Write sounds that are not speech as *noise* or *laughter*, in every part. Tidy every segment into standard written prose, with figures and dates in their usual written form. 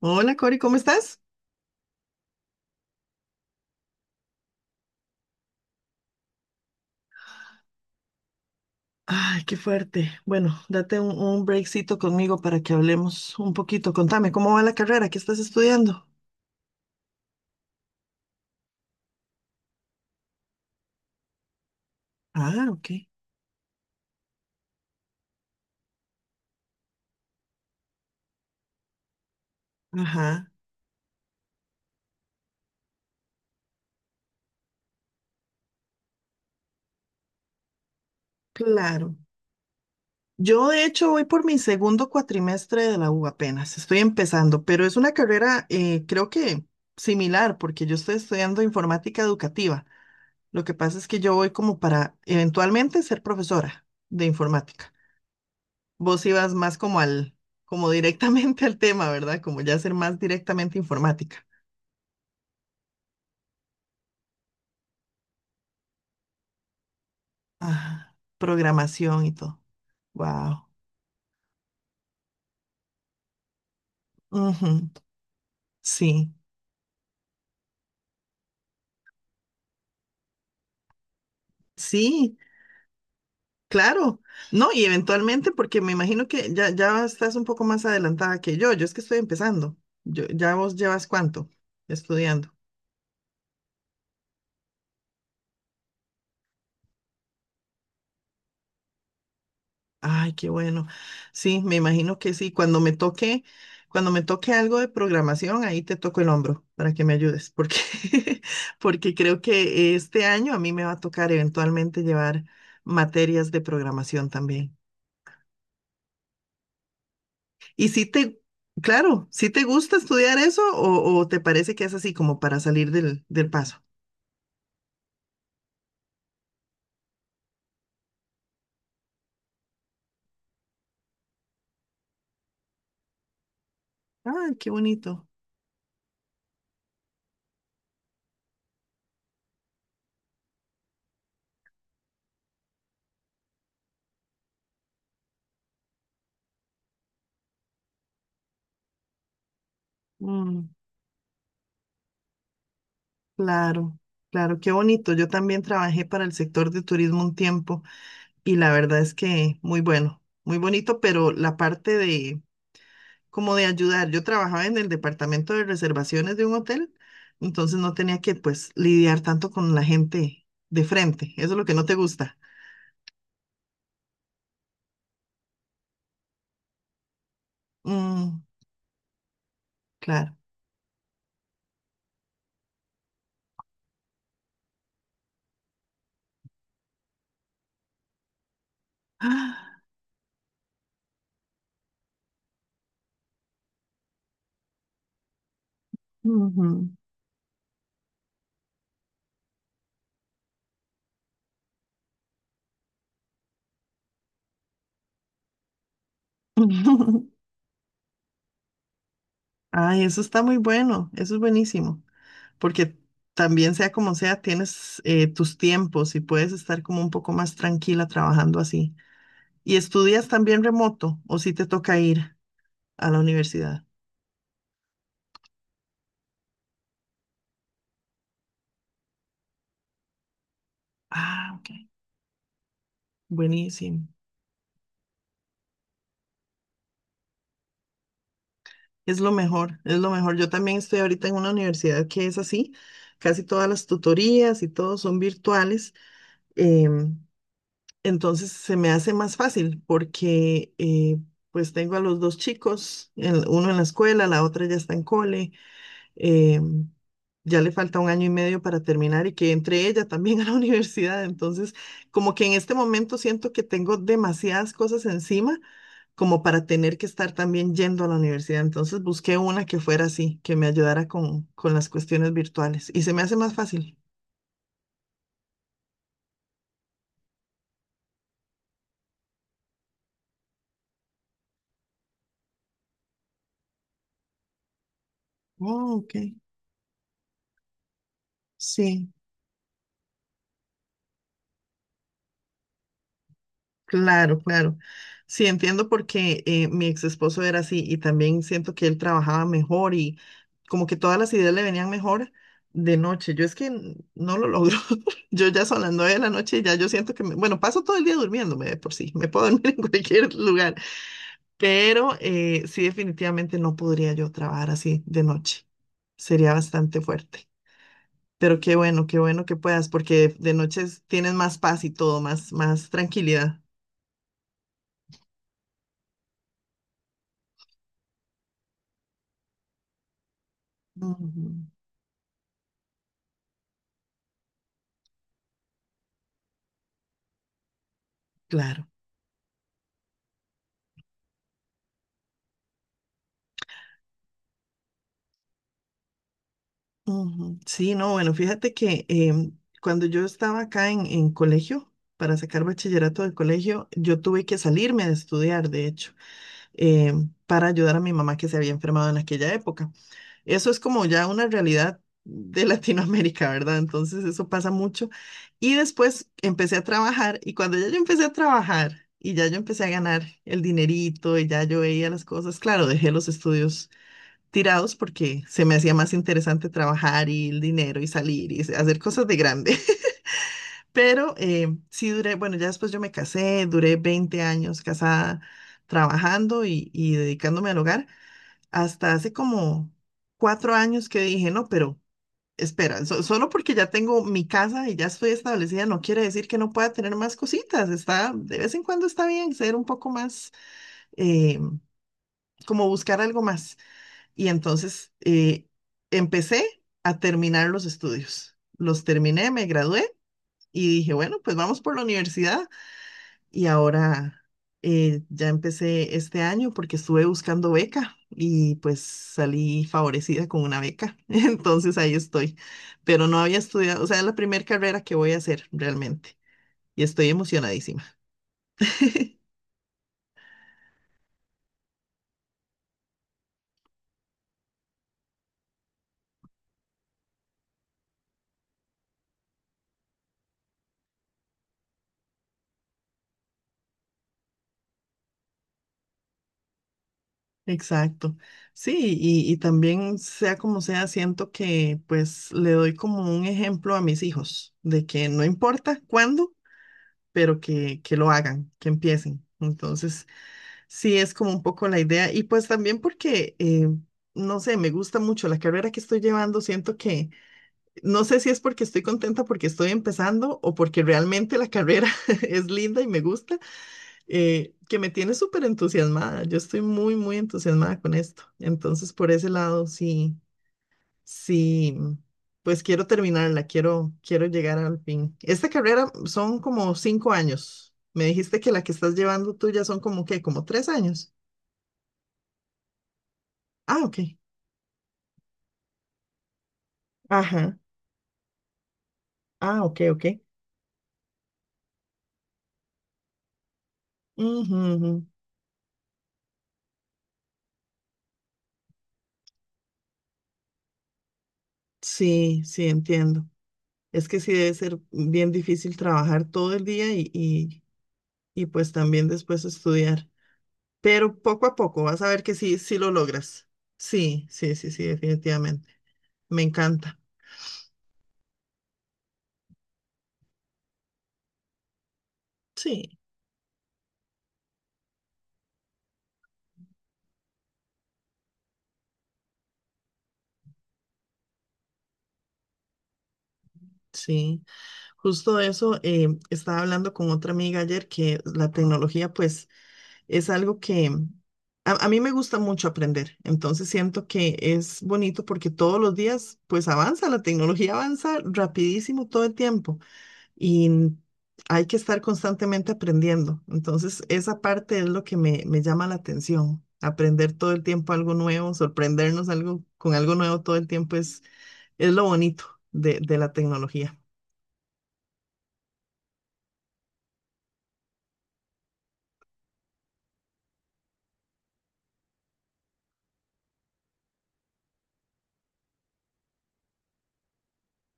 Hola Cori, ¿cómo estás? Ay, qué fuerte. Bueno, date un breakcito conmigo para que hablemos un poquito. Contame, ¿cómo va la carrera? ¿Qué estás estudiando? Ah, ok. Ajá, claro. Yo de hecho voy por mi segundo cuatrimestre de la U apenas, estoy empezando, pero es una carrera creo que similar porque yo estoy estudiando informática educativa. Lo que pasa es que yo voy como para eventualmente ser profesora de informática. Vos ibas más como como directamente *laughs* al tema, ¿verdad? Como ya ser más directamente informática. Ah, programación y todo. Wow. Ujú. Sí, sí, claro. No, y eventualmente, porque me imagino que ya estás un poco más adelantada que yo. Yo es que estoy empezando. ¿Ya vos llevas cuánto estudiando? Ay, qué bueno. Sí, me imagino que sí. Cuando me toque algo de programación, ahí te toco el hombro para que me ayudes, porque, *laughs* porque creo que este año a mí me va a tocar eventualmente llevar materias de programación también. Y si te, claro, si te gusta estudiar eso o te parece que es así como para salir del paso. Ah, qué bonito. Mm, claro, claro, qué bonito. Yo también trabajé para el sector de turismo un tiempo. Y la verdad es que muy bueno, muy bonito, pero la parte de como de ayudar, yo trabajaba en el departamento de reservaciones de un hotel, entonces no tenía que pues lidiar tanto con la gente de frente, eso es lo que no te gusta. Mm, claro. Ah, ujú. *laughs* Ay, eso está muy bueno, eso es buenísimo, porque también sea como sea, tienes tus tiempos y puedes estar como un poco más tranquila trabajando así. ¿Y estudias también remoto o si te toca ir? A la universidad? Ah, ok. Buenísimo. Es lo mejor, es lo mejor. Yo también estoy ahorita en una universidad que es así. Casi todas las tutorías y todo son virtuales. em, entonces se me hace más fácil porque pues tengo a los dos chicos, uno en la escuela, la otra ya está en cole. eh, ya le falta un año y medio para terminar y que entre ella también a la *laughs* universidad. Entonces, como que en este momento siento que tengo demasiadas cosas encima como para tener que estar también yendo a la universidad. Entonces busqué una que fuera así, que me ayudara con las cuestiones virtuales y se me hace más fácil. Oh, ok. Sí. Claro, claro. Sí, entiendo porque mi ex esposo era así y también siento que él trabajaba mejor y como que todas las ideas le venían mejor de noche. Yo es que no lo logro. *laughs* Yo ya son las 9 de la noche y ya yo siento que, bueno, paso todo el día durmiéndome de por sí, me puedo *laughs* dormir en cualquier lugar, pero sí definitivamente no podría yo trabajar así de noche. Sería bastante fuerte. Pero qué bueno que puedas porque de noche tienes más paz y todo, más, más tranquilidad. Ujú. Claro. Ujú. Sí, no, bueno, fíjate que cuando yo estaba acá en colegio, para sacar bachillerato del colegio, yo tuve que salirme de estudiar, de hecho, para ayudar a mi mamá que se había enfermado en aquella época. Eso es como ya una realidad de *laughs* Latinoamérica, ¿verdad? Entonces eso pasa mucho. Y después empecé a trabajar y cuando ya yo empecé a trabajar y ya yo empecé a ganar el dinerito y ya yo veía las cosas, claro, dejé los estudios tirados porque se me hacía más interesante trabajar y el dinero y salir y hacer cosas de grande. *laughs* Pero sí duré, bueno, ya después yo me casé, duré 20 años casada trabajando y dedicándome al hogar, hasta hace como 4 años que dije, no, pero espera, solo porque ya tengo mi casa y ya estoy establecida, no quiere decir que no pueda tener más cositas. Está, de vez en cuando está bien ser un poco más, eh, como buscar algo más. Y entonces empecé a terminar los estudios. Los terminé, me gradué y dije, bueno, pues vamos por la universidad. Y ahora ya empecé este año porque estuve buscando beca y pues salí favorecida con una beca. *laughs* Entonces ahí estoy. Pero no había estudiado, o sea, es la primera carrera que voy a hacer realmente. Y estoy emocionadísima. *laughs* Exacto. Sí, y también sea como sea, siento que pues le doy como un ejemplo a mis hijos de que no importa cuándo, pero que lo hagan, que empiecen. Entonces, sí es como un poco la idea. Y pues también porque, no sé, me gusta mucho la carrera que estoy llevando, siento que, no sé si es porque estoy contenta porque estoy empezando o porque realmente la carrera *laughs* es linda y me gusta que me tiene súper entusiasmada. Yo estoy muy, muy entusiasmada con esto. Entonces, por ese lado, sí, sí, pues quiero terminarla, quiero, quiero llegar al fin. Esta carrera son como 5 años. Me dijiste que la que estás llevando tú ya son como que, como 3 años. Ah, ok. Ajá. Ah, ok, ok. Ujú, ujú. Sí, sí, entiendo. Es que sí debe ser bien difícil trabajar todo el día y pues también después estudiar. Pero poco a poco vas a ver que sí, sí lo logras. Sí, sí, sí, sí, definitivamente. Me encanta. Sí, sí. Justo eso, estaba hablando con otra amiga ayer que la tecnología, pues, es algo que a mí me gusta mucho aprender. Entonces siento que es bonito porque todos los días, pues, avanza, la tecnología avanza rapidísimo todo el tiempo. Y hay que estar constantemente aprendiendo. Entonces, esa parte es lo que me llama la atención. Aprender todo el tiempo algo nuevo, sorprendernos algo, con algo nuevo todo el tiempo es lo bonito de la tecnología.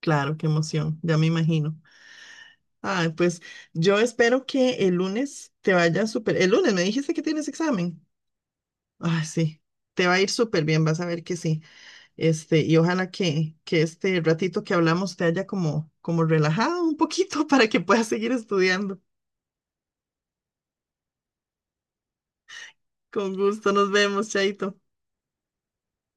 Claro, qué emoción, ya me imagino. Ah, pues yo espero que el lunes te vaya súper. El lunes me dijiste que tienes examen. Ah, sí, te va a ir súper bien, vas a ver que sí. Este, y ojalá que este ratito que hablamos te haya como relajado un poquito *laughs* para que puedas seguir estudiando. Con gusto, nos vemos, Chaito.